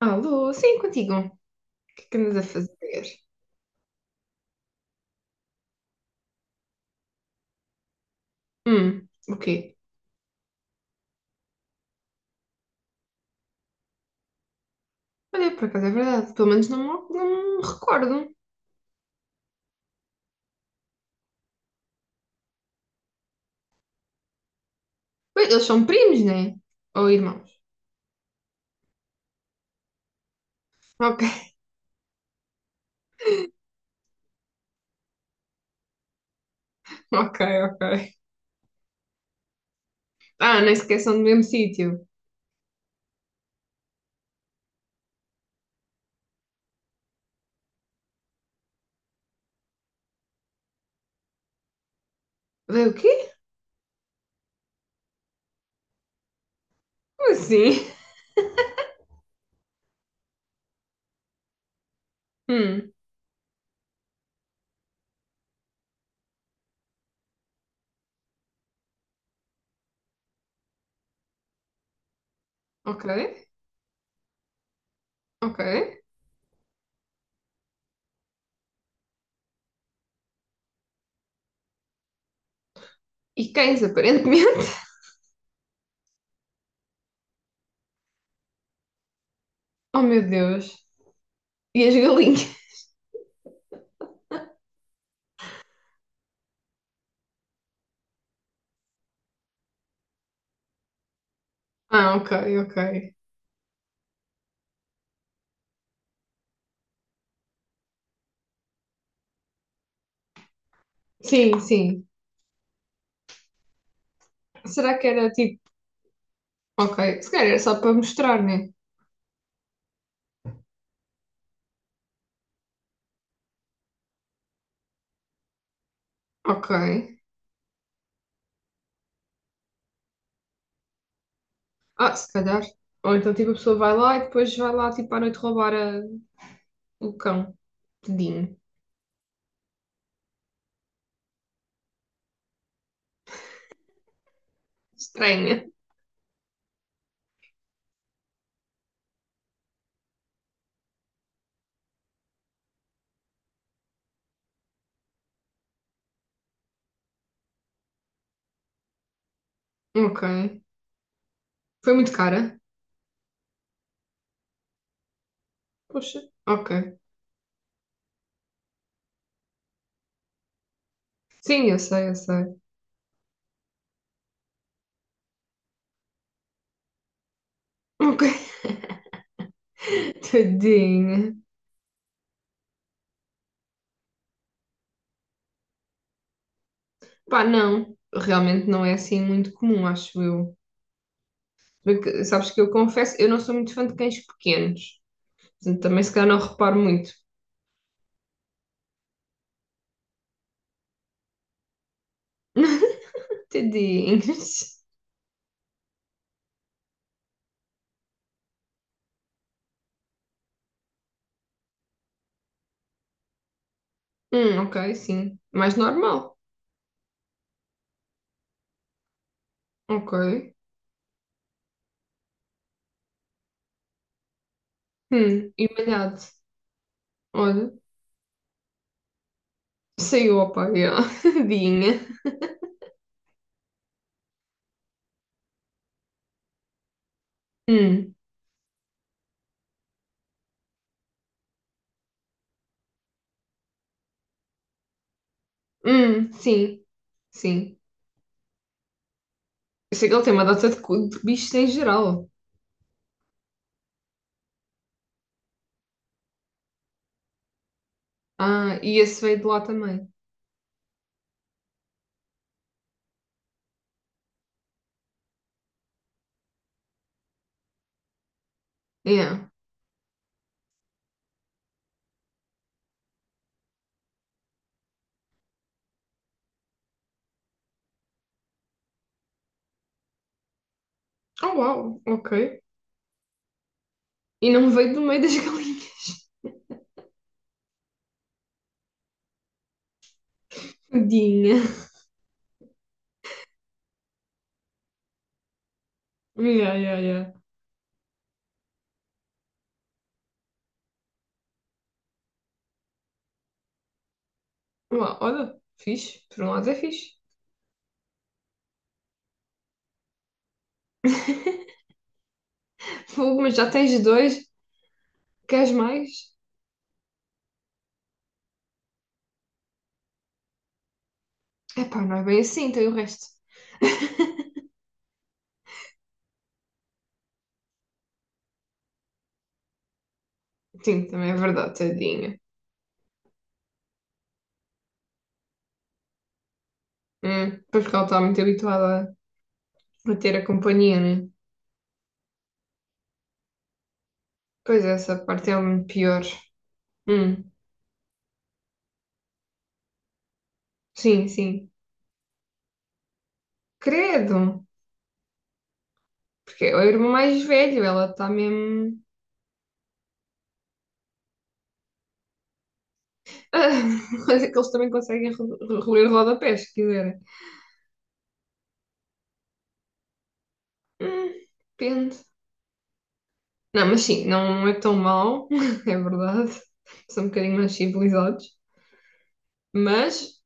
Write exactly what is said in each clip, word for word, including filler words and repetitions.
Alô, sim, contigo. O que é que andas a fazer? Hum, o quê? Olha, por acaso é verdade. Pelo menos não, me- não me recordo. Ué, eles são primos, né? Ou irmãos? Ok. Ok, ok. Ah, nem sequer são do mesmo sítio. Vê o quê? Como assim? Hum, ok, ok. E cães, aparentemente. Oh, meu Deus. E as galinhas? Ah, ok, ok. Sim, sim. Será que era tipo. Ok, se calhar era só para mostrar, né? Ok. Ah, se calhar. Ou então, tipo, a pessoa vai lá e depois vai lá, tipo, à noite roubar a- o cão. Tadinho. Estranha. Ok. Foi muito cara? Poxa. Ok. Sim, eu sei, eu sei. Ok. Tadinha. Pá, não. Realmente não é assim muito comum, acho eu. Porque sabes que eu confesso, eu não sou muito fã de cães pequenos. Portanto, também se calhar não reparo muito. Tadinhos. Hum, ok, sim. Mais normal. Ok. Hum, e malhado. Olha, saiu, opa, yeah. Dinha. Hum, hum, sim, sim. Eu sei que ele tem uma data de, cu- de bichos em geral. Ah, e esse veio de lá também. Yeah. Oh, uau, ok. E não veio do meio das galinhas. Dinha. Yeah, yeah, yeah. Uau, olha, fixe. Por um lado é fixe. Fogo, mas já tens dois. Queres mais? Epá, não é bem assim, tem o resto. Sim, também é verdade, tadinha. Hum, pois porque ela está muito habituada para ter a companhia, né? Pois essa parte é um pior. Hum, sim, sim. Credo! Porque é o irmão mais velho, ela está mesmo. Mas é que eles também conseguem ro- ro- roer rodapés, se quiserem. Hum, depende. Não, mas sim, não é tão mau, é verdade. São um bocadinho mais civilizados. Mas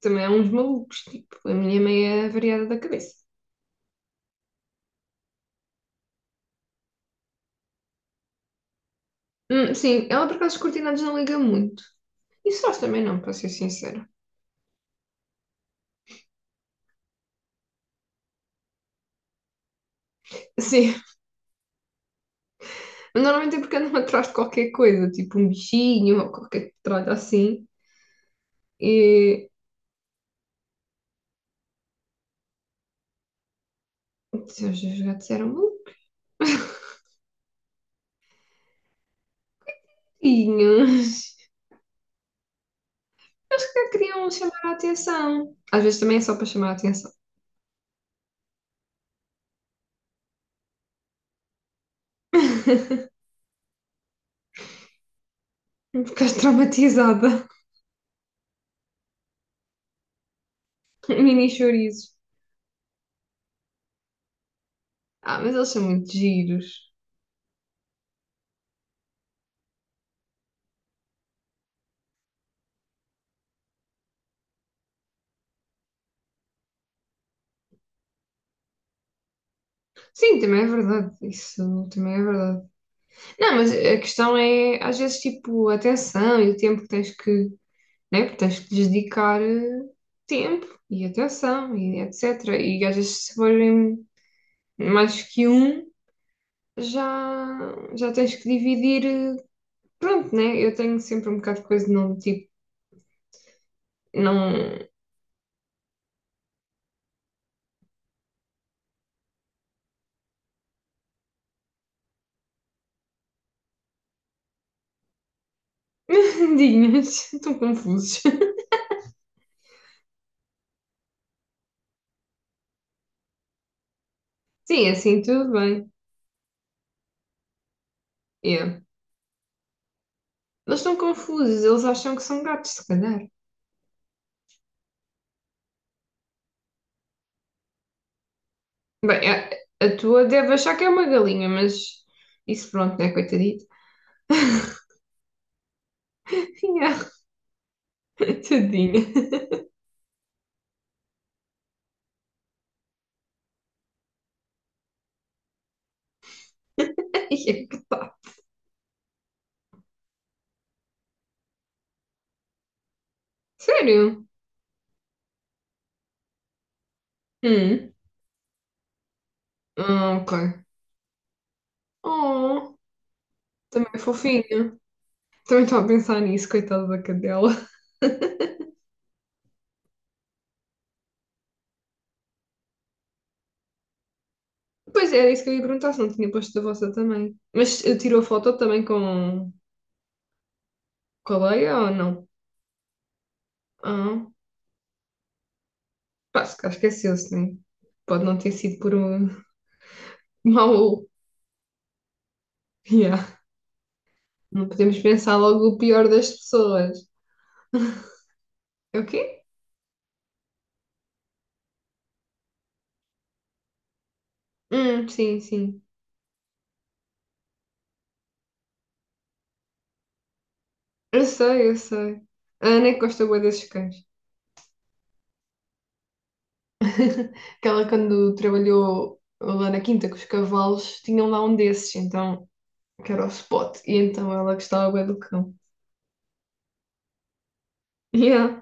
também há uns malucos, tipo, a minha é meia variada da cabeça. Hum, sim, ela por acaso os cortinados não liga muito. E sós também não, para ser sincera. Sim, mas normalmente é porque andam atrás de qualquer coisa, tipo um bichinho ou qualquer tralha assim. E se os meus gatos eram bonitinhos. Eles que queriam chamar a atenção. Às vezes também é só para chamar a atenção. Ficaste traumatizada. Mini chorizos. Ah, mas eles são muito giros. Sim, também é verdade. Isso também é verdade. Não, mas a questão é, às vezes, tipo, a atenção e o tempo que tens que né? Porque tens que lhes dedicar eh, tempo e atenção e et cetera. E às vezes se forem mais que um, já, já tens que dividir. eh, Pronto, né? Eu tenho sempre um bocado de coisa de não, tipo, não... Dinhas, estão confusos. Sim, é assim tudo bem. Yeah. Eles estão confusos, eles acham que são gatos, se calhar. Bem, a, a tua deve achar que é uma galinha, mas isso pronto, né? Coitadito. Yeah, tadinha. E é que tá. Sério? Hum. Ah, ok. Oh, também é fofinho. Também estava a pensar nisso, coitada da cadela. Pois era isso que eu ia perguntar, se não tinha posto da vossa também. Mas eh, tirou foto também com, com a Leia ou não? Ah, pá, se calhar esqueceu-se, né? Pode não ter sido por um mau. Yeah. Não podemos pensar logo o pior das pessoas. É o quê? Hum, sim, sim. Eu sei, eu sei. A Ana é que gosta bué desses cães. Que ela, quando trabalhou lá na quinta com os cavalos, tinham lá um desses, então, que era o Spot. E então ela gostava bué do cão. Yeah.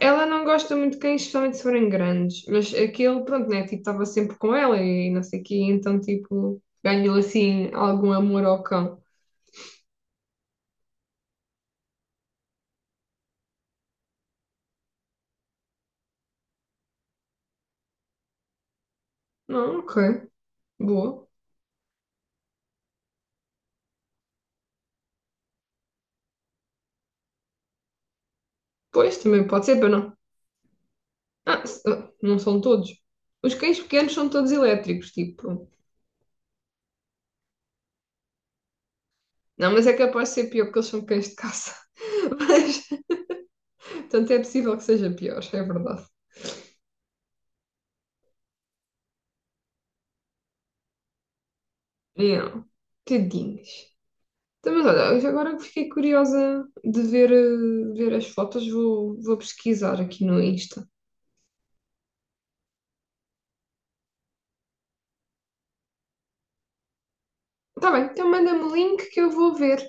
Ela não gosta muito de cães, especialmente se forem grandes, mas aquele, pronto, né? Tipo, estava sempre com ela e não sei o quê, então, tipo, ganhou assim algum amor ao cão. Não, ok, boa. Pois, também pode ser, para não. Ah, se- ah, não são todos. Os cães pequenos são todos elétricos, tipo. Não, mas é capaz de ser pior porque eles são cães de caça. Mas, portanto, é possível que seja pior, é verdade. Não, tadinhos. Então, mas olha, eu agora que fiquei curiosa de ver, eh, ver as fotos, vou, vou pesquisar aqui no Insta. Tá bem, então manda-me o link que eu vou ver.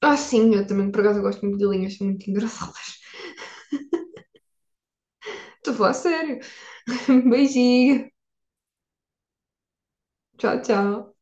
Ah, sim, eu também, por acaso, eu gosto muito de linhas, são muito engraçadas. Estou a falar sério. Beijinho. Tchau, tchau.